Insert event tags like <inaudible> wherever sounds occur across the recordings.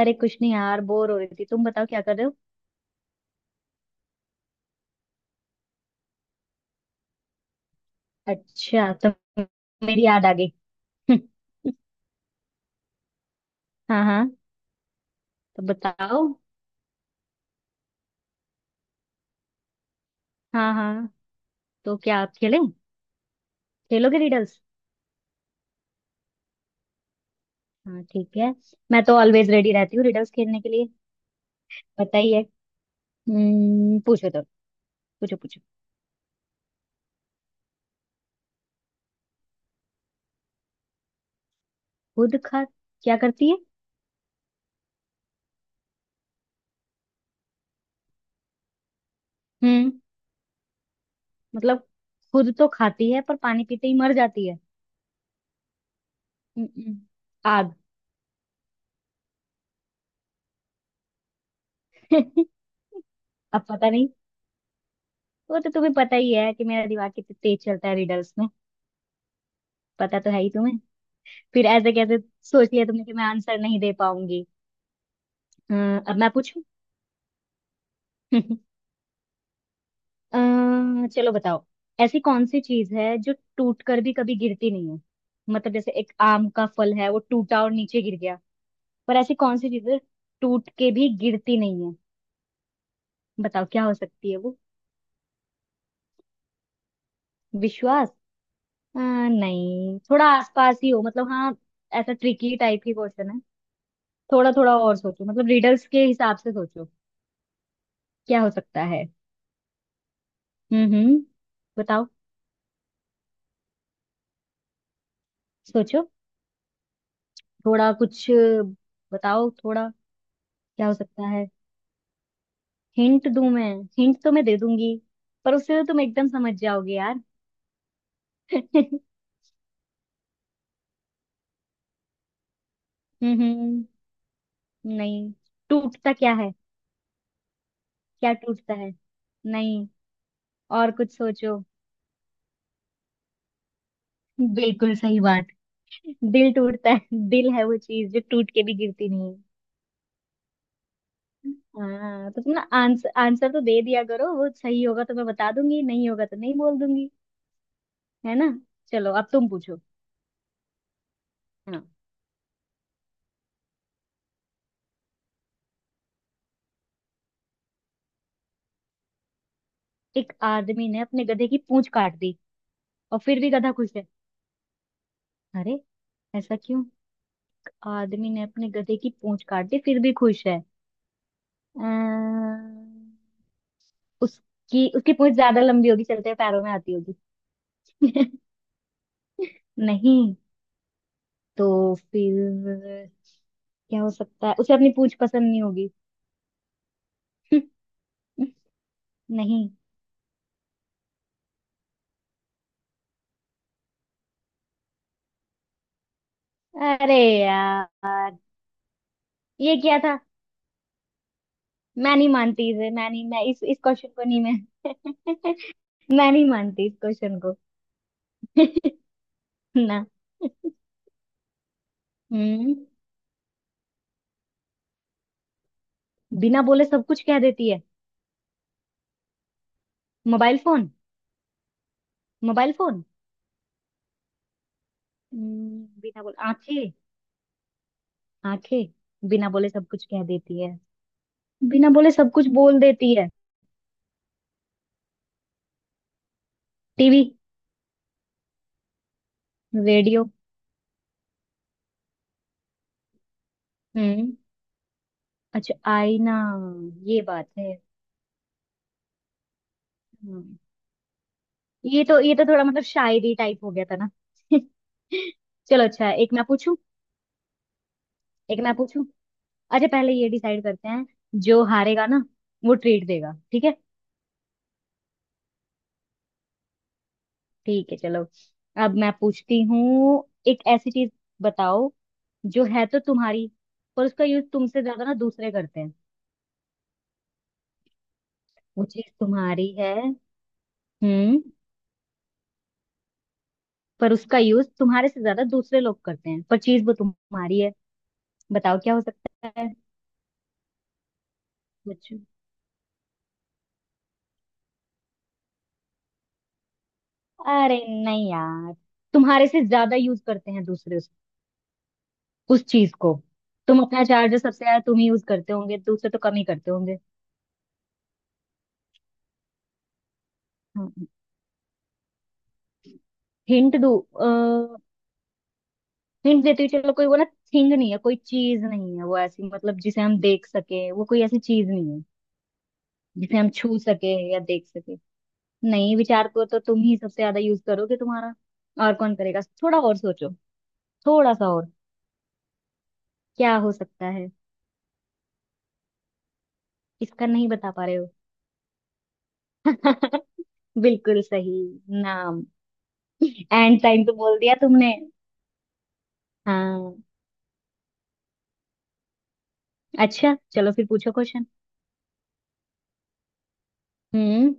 अरे कुछ नहीं यार, बोर हो रही थी। तुम बताओ क्या कर रहे हो। अच्छा, तो मेरी याद आ गई। <laughs> हाँ हाँ। तो बताओ। हाँ हाँ। तो क्या आप खेलें, खेलोगे रिडल्स? हाँ ठीक है। मैं तो ऑलवेज रेडी रहती हूँ रिडल्स खेलने के लिए, पता ही है। पूछो तो। पूछो पूछो। खुद खा क्या करती है? हम्म, मतलब खुद तो खाती है पर पानी पीते ही मर जाती है। हम्म, आग। <laughs> अब पता नहीं, वो तो तुम्हें पता ही है कि मेरा दिमाग कितना तेज चलता है रिडल्स में। पता तो है ही तुम्हें, फिर ऐसे कैसे सोच लिया तुमने कि मैं आंसर नहीं दे पाऊंगी। अ, अब मैं पूछूं। <laughs> चलो बताओ। ऐसी कौन सी चीज है जो टूट कर भी कभी गिरती नहीं है? मतलब जैसे एक आम का फल है, वो टूटा और नीचे गिर गया। पर ऐसी कौन सी चीज है, टूट के भी गिरती नहीं है? बताओ क्या हो सकती है वो। विश्वास? नहीं, थोड़ा आसपास ही हो मतलब। हाँ, ऐसा ट्रिकी टाइप की क्वेश्चन है। थोड़ा थोड़ा और सोचो, मतलब रिडल्स के हिसाब से सोचो। क्या हो सकता है? हम्म। बताओ, सोचो थोड़ा कुछ। बताओ थोड़ा, क्या हो सकता है? हिंट दूं मैं? हिंट तो मैं दे दूंगी, पर उससे तो तुम एकदम समझ जाओगे यार। <laughs> हम्म। हम्म, नहीं। टूटता क्या है, क्या टूटता है? नहीं, और कुछ सोचो। बिल्कुल सही बात, दिल टूटता है। दिल है वो चीज जो टूट के भी गिरती नहीं है। हाँ, तो तुम ना आंसर, आंसर तो दे दिया करो। वो सही होगा तो मैं बता दूंगी, नहीं होगा तो नहीं बोल दूंगी। है ना? चलो अब तुम पूछो। हाँ। एक आदमी ने अपने गधे की पूंछ काट दी, और फिर भी गधा खुश है? अरे, ऐसा क्यों? आदमी ने अपने गधे की पूंछ काट दी फिर भी खुश है। अम्म, उसकी उसकी पूंछ ज्यादा लंबी होगी, चलते पैरों में आती होगी। <laughs> नहीं, तो फिर क्या हो सकता है, उसे अपनी पूंछ पसंद नहीं होगी। <laughs> नहीं, अरे यार, ये क्या था? मैं नहीं मानती इसे, मैं नहीं, मैं इस क्वेश्चन को नहीं, मैं। <laughs> मैं नहीं मानती इस क्वेश्चन को। <laughs> <laughs> ना। हम्म। बिना बोले सब कुछ कह देती है। Mobile phone? Mobile phone? बिना बोले, आंखें? आंखें, बिना बोले सब कुछ कह देती है, बिना बोले सब कुछ बोल देती है। टीवी? रेडियो? हम्म, अच्छा, आईना, ये बात है। हम्म, ये तो थोड़ा मतलब शायरी टाइप हो गया था ना। <laughs> चलो अच्छा, एक मैं पूछूं। एक मैं पूछूं, अच्छा पहले ये डिसाइड करते हैं, जो हारेगा ना वो ट्रीट देगा, ठीक है? ठीक है चलो। अब मैं पूछती हूँ, एक ऐसी चीज बताओ जो है तो तुम्हारी, पर उसका यूज तुमसे ज्यादा ना दूसरे करते हैं। वो चीज तुम्हारी है हम्म, पर उसका यूज तुम्हारे से ज्यादा दूसरे लोग करते हैं, पर चीज वो तुम्हारी है। बताओ क्या हो सकता है। कुछ, अरे नहीं यार, तुम्हारे से ज्यादा यूज करते हैं दूसरे उस चीज को। तुम अपना चार्जर सबसे ज्यादा तुम ही यूज करते होंगे, दूसरे तो कम ही करते होंगे। हाँ, हिंट दूँ? हिंट देती हूँ, चलो, कोई वो ना, थिंग नहीं है, कोई चीज नहीं है वो ऐसी, मतलब जिसे हम देख सके, वो कोई ऐसी चीज नहीं है जिसे हम छू सके या देख सके। नहीं, विचार को तो तुम ही सबसे ज्यादा यूज करोगे तुम्हारा, और कौन करेगा? थोड़ा और सोचो, थोड़ा सा और। क्या हो सकता है? इसका नहीं बता पा रहे हो? <laughs> बिल्कुल सही, नाम। एंड टाइम तो बोल दिया तुमने। हाँ, अच्छा चलो फिर पूछो क्वेश्चन। हम्म।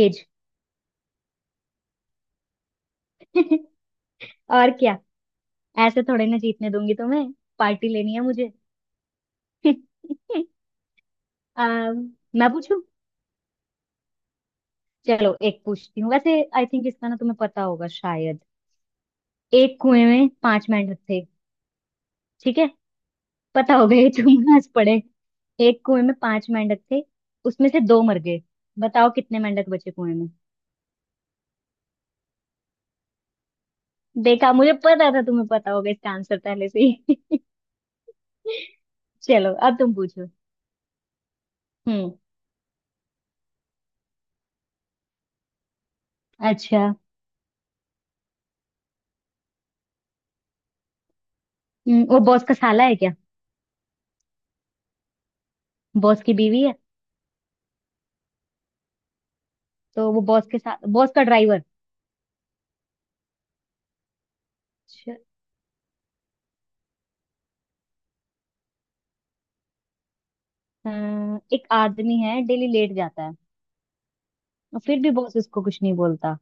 एज। <laughs> और क्या, ऐसे थोड़े ना जीतने दूंगी तुम्हें, पार्टी लेनी है मुझे। <laughs> आ, मैं पूछूं? चलो एक पूछती हूँ, वैसे आई थिंक इसका ना तुम्हें पता होगा शायद। एक कुएं में पांच मेंढक थे, ठीक है? पता होगा ये, तुम आज पढ़े। एक कुएं में पांच मेंढक थे, उसमें से दो मर गए। बताओ कितने मेंढक बचे कुएं में। देखा, मुझे पता था तुम्हें पता होगा इसका आंसर पहले से ही। <laughs> चलो अब तुम पूछो। हम्म। अच्छा। वो बॉस का साला है क्या? बॉस की बीवी है? तो वो बॉस के साथ, बॉस का ड्राइवर? अच्छा। एक आदमी है डेली लेट जाता है, और फिर भी बॉस उसको कुछ नहीं बोलता।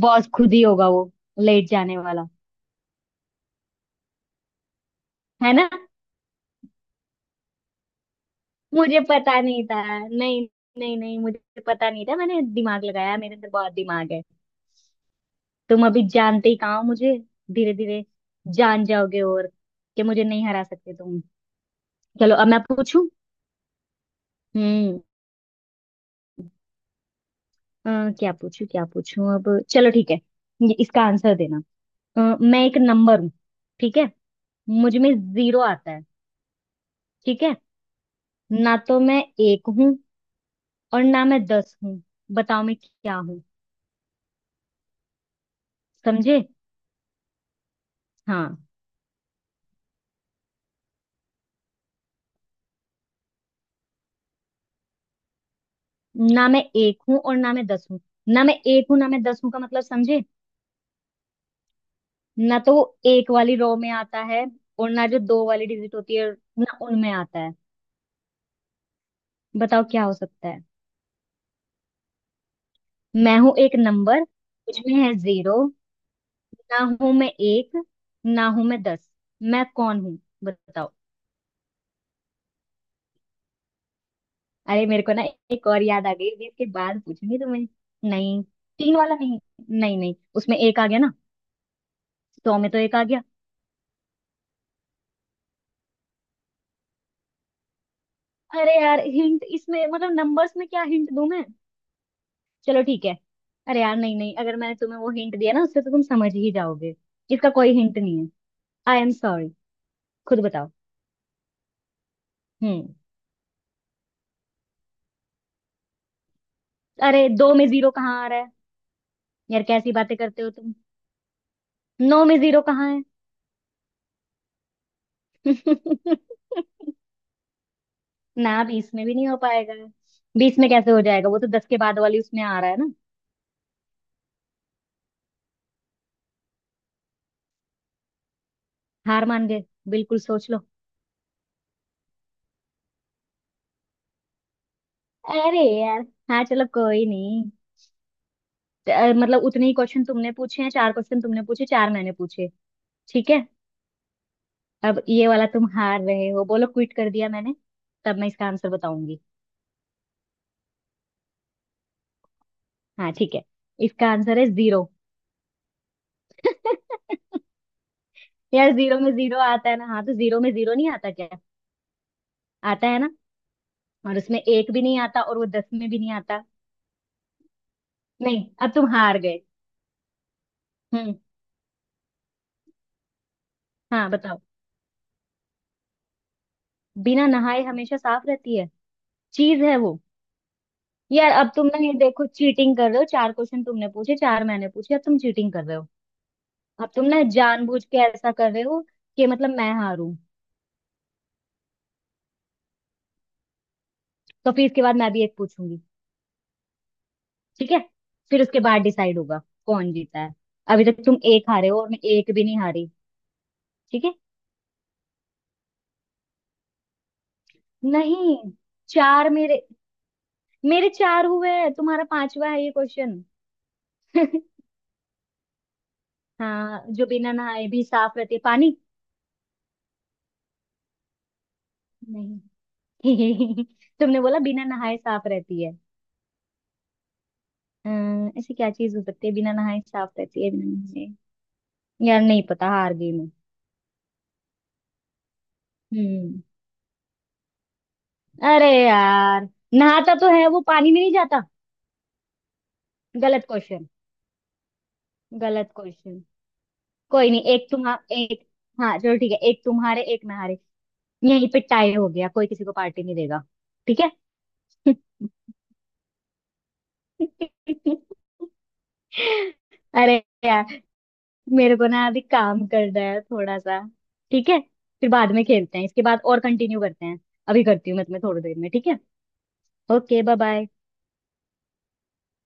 बॉस खुद ही होगा वो, लेट जाने वाला। है ना? मुझे पता नहीं था। नहीं, नहीं मुझे पता नहीं था, मैंने दिमाग लगाया, मेरे अंदर बहुत दिमाग है। तुम अभी जानते ही कहाँ हो मुझे। धीरे धीरे जान जाओगे, और कि मुझे नहीं हरा सकते तुम। चलो अब मैं पूछूं। हम्म। क्या पूछूं क्या पूछूं, अब चलो ठीक है, ये इसका आंसर देना। मैं एक नंबर हूँ, ठीक है? मुझ में जीरो आता है, ठीक है? ना तो मैं एक हूं और ना मैं दस हूं। बताओ मैं क्या हूं। समझे? हाँ। ना मैं एक हूं और ना मैं 10 हूं। ना मैं एक हूं ना मैं 10 हूं का मतलब समझे। ना तो वो एक वाली रो में आता है, और ना जो दो वाली डिजिट होती है ना उनमें आता है। बताओ क्या हो सकता है। मैं हूं एक नंबर, मुझमें है जीरो, ना हूं मैं एक, ना हूं मैं दस, मैं कौन हूं? बताओ। अरे मेरे को ना, एक और याद आ गई, अभी इसके बाद पूछूंगी तुम्हें। नहीं, तीन वाला नहीं, नहीं नहीं उसमें एक आ गया ना, 100 में तो एक आ गया। अरे यार, हिंट इसमें मतलब नंबर्स में क्या हिंट दूं मैं? चलो ठीक है, अरे यार नहीं नहीं, अगर मैंने तुम्हें वो हिंट दिया ना, उससे तो तुम समझ ही जाओगे। इसका कोई हिंट नहीं है, आई एम सॉरी। खुद बताओ। हम्म। अरे दो में जीरो कहाँ आ रहा है? यार कैसी बातें करते हो तुम। नौ में जीरो कहाँ है? <laughs> ना 20 में भी नहीं हो पाएगा, 20 में कैसे हो जाएगा, वो तो 10 के बाद वाली उसमें आ रहा है ना। हार मान गए? बिल्कुल सोच लो। अरे यार, हाँ चलो कोई नहीं। मतलब उतने ही क्वेश्चन तुमने पूछे हैं, चार क्वेश्चन तुमने पूछे, चार मैंने पूछे, ठीक है? अब ये वाला तुम हार रहे हो, बोलो क्विट कर दिया मैंने, तब मैं इसका आंसर बताऊंगी। हाँ ठीक है, इसका आंसर है जीरो। <laughs> यार जीरो में जीरो आता है ना, हाँ तो जीरो में जीरो नहीं आता क्या? आता है ना, और उसमें एक भी नहीं आता और वो 10 में भी नहीं आता। नहीं, अब तुम हार गए। हम्म। हाँ बताओ। बिना नहाए हमेशा साफ रहती है, चीज है वो? यार अब तुम ना ये देखो चीटिंग कर रहे हो, चार क्वेश्चन तुमने पूछे चार मैंने पूछे, अब तुम चीटिंग कर रहे हो। अब तुम ना जानबूझ के ऐसा कर रहे हो कि मतलब मैं हारूं। तो फिर इसके बाद मैं भी एक पूछूंगी, ठीक है? फिर उसके बाद डिसाइड होगा कौन जीता है। अभी तक तुम एक हारे हो और मैं एक भी नहीं हारी। ठीक है। नहीं, चार मेरे, मेरे चार हुए हैं, तुम्हारा पांचवा है ये क्वेश्चन। <laughs> हाँ, जो बिना नहाए भी साफ रहती है, पानी। नहीं? <laughs> तुमने बोला बिना नहाए साफ रहती है। ऐसी क्या चीज हो सकती है बिना नहाए साफ रहती है, बिना नहाए? यार नहीं पता, हार गई मैं। हम्म, अरे यार, नहाता तो है वो, पानी में नहीं जाता। गलत क्वेश्चन। गलत क्वेश्चन। कोई नहीं, एक तुम्हारा एक, हाँ चलो ठीक है, एक तुम्हारे एक नहारे यहीं पे टाई हो गया, कोई किसी को पार्टी नहीं देगा, ठीक है। <laughs> अरे यार, मेरे को ना अभी काम करना है थोड़ा सा, ठीक है? फिर बाद में खेलते हैं, इसके बाद और कंटिन्यू करते हैं। अभी करती हूँ मैं तुम्हें थोड़ी देर में, ठीक है? Okay, bye bye.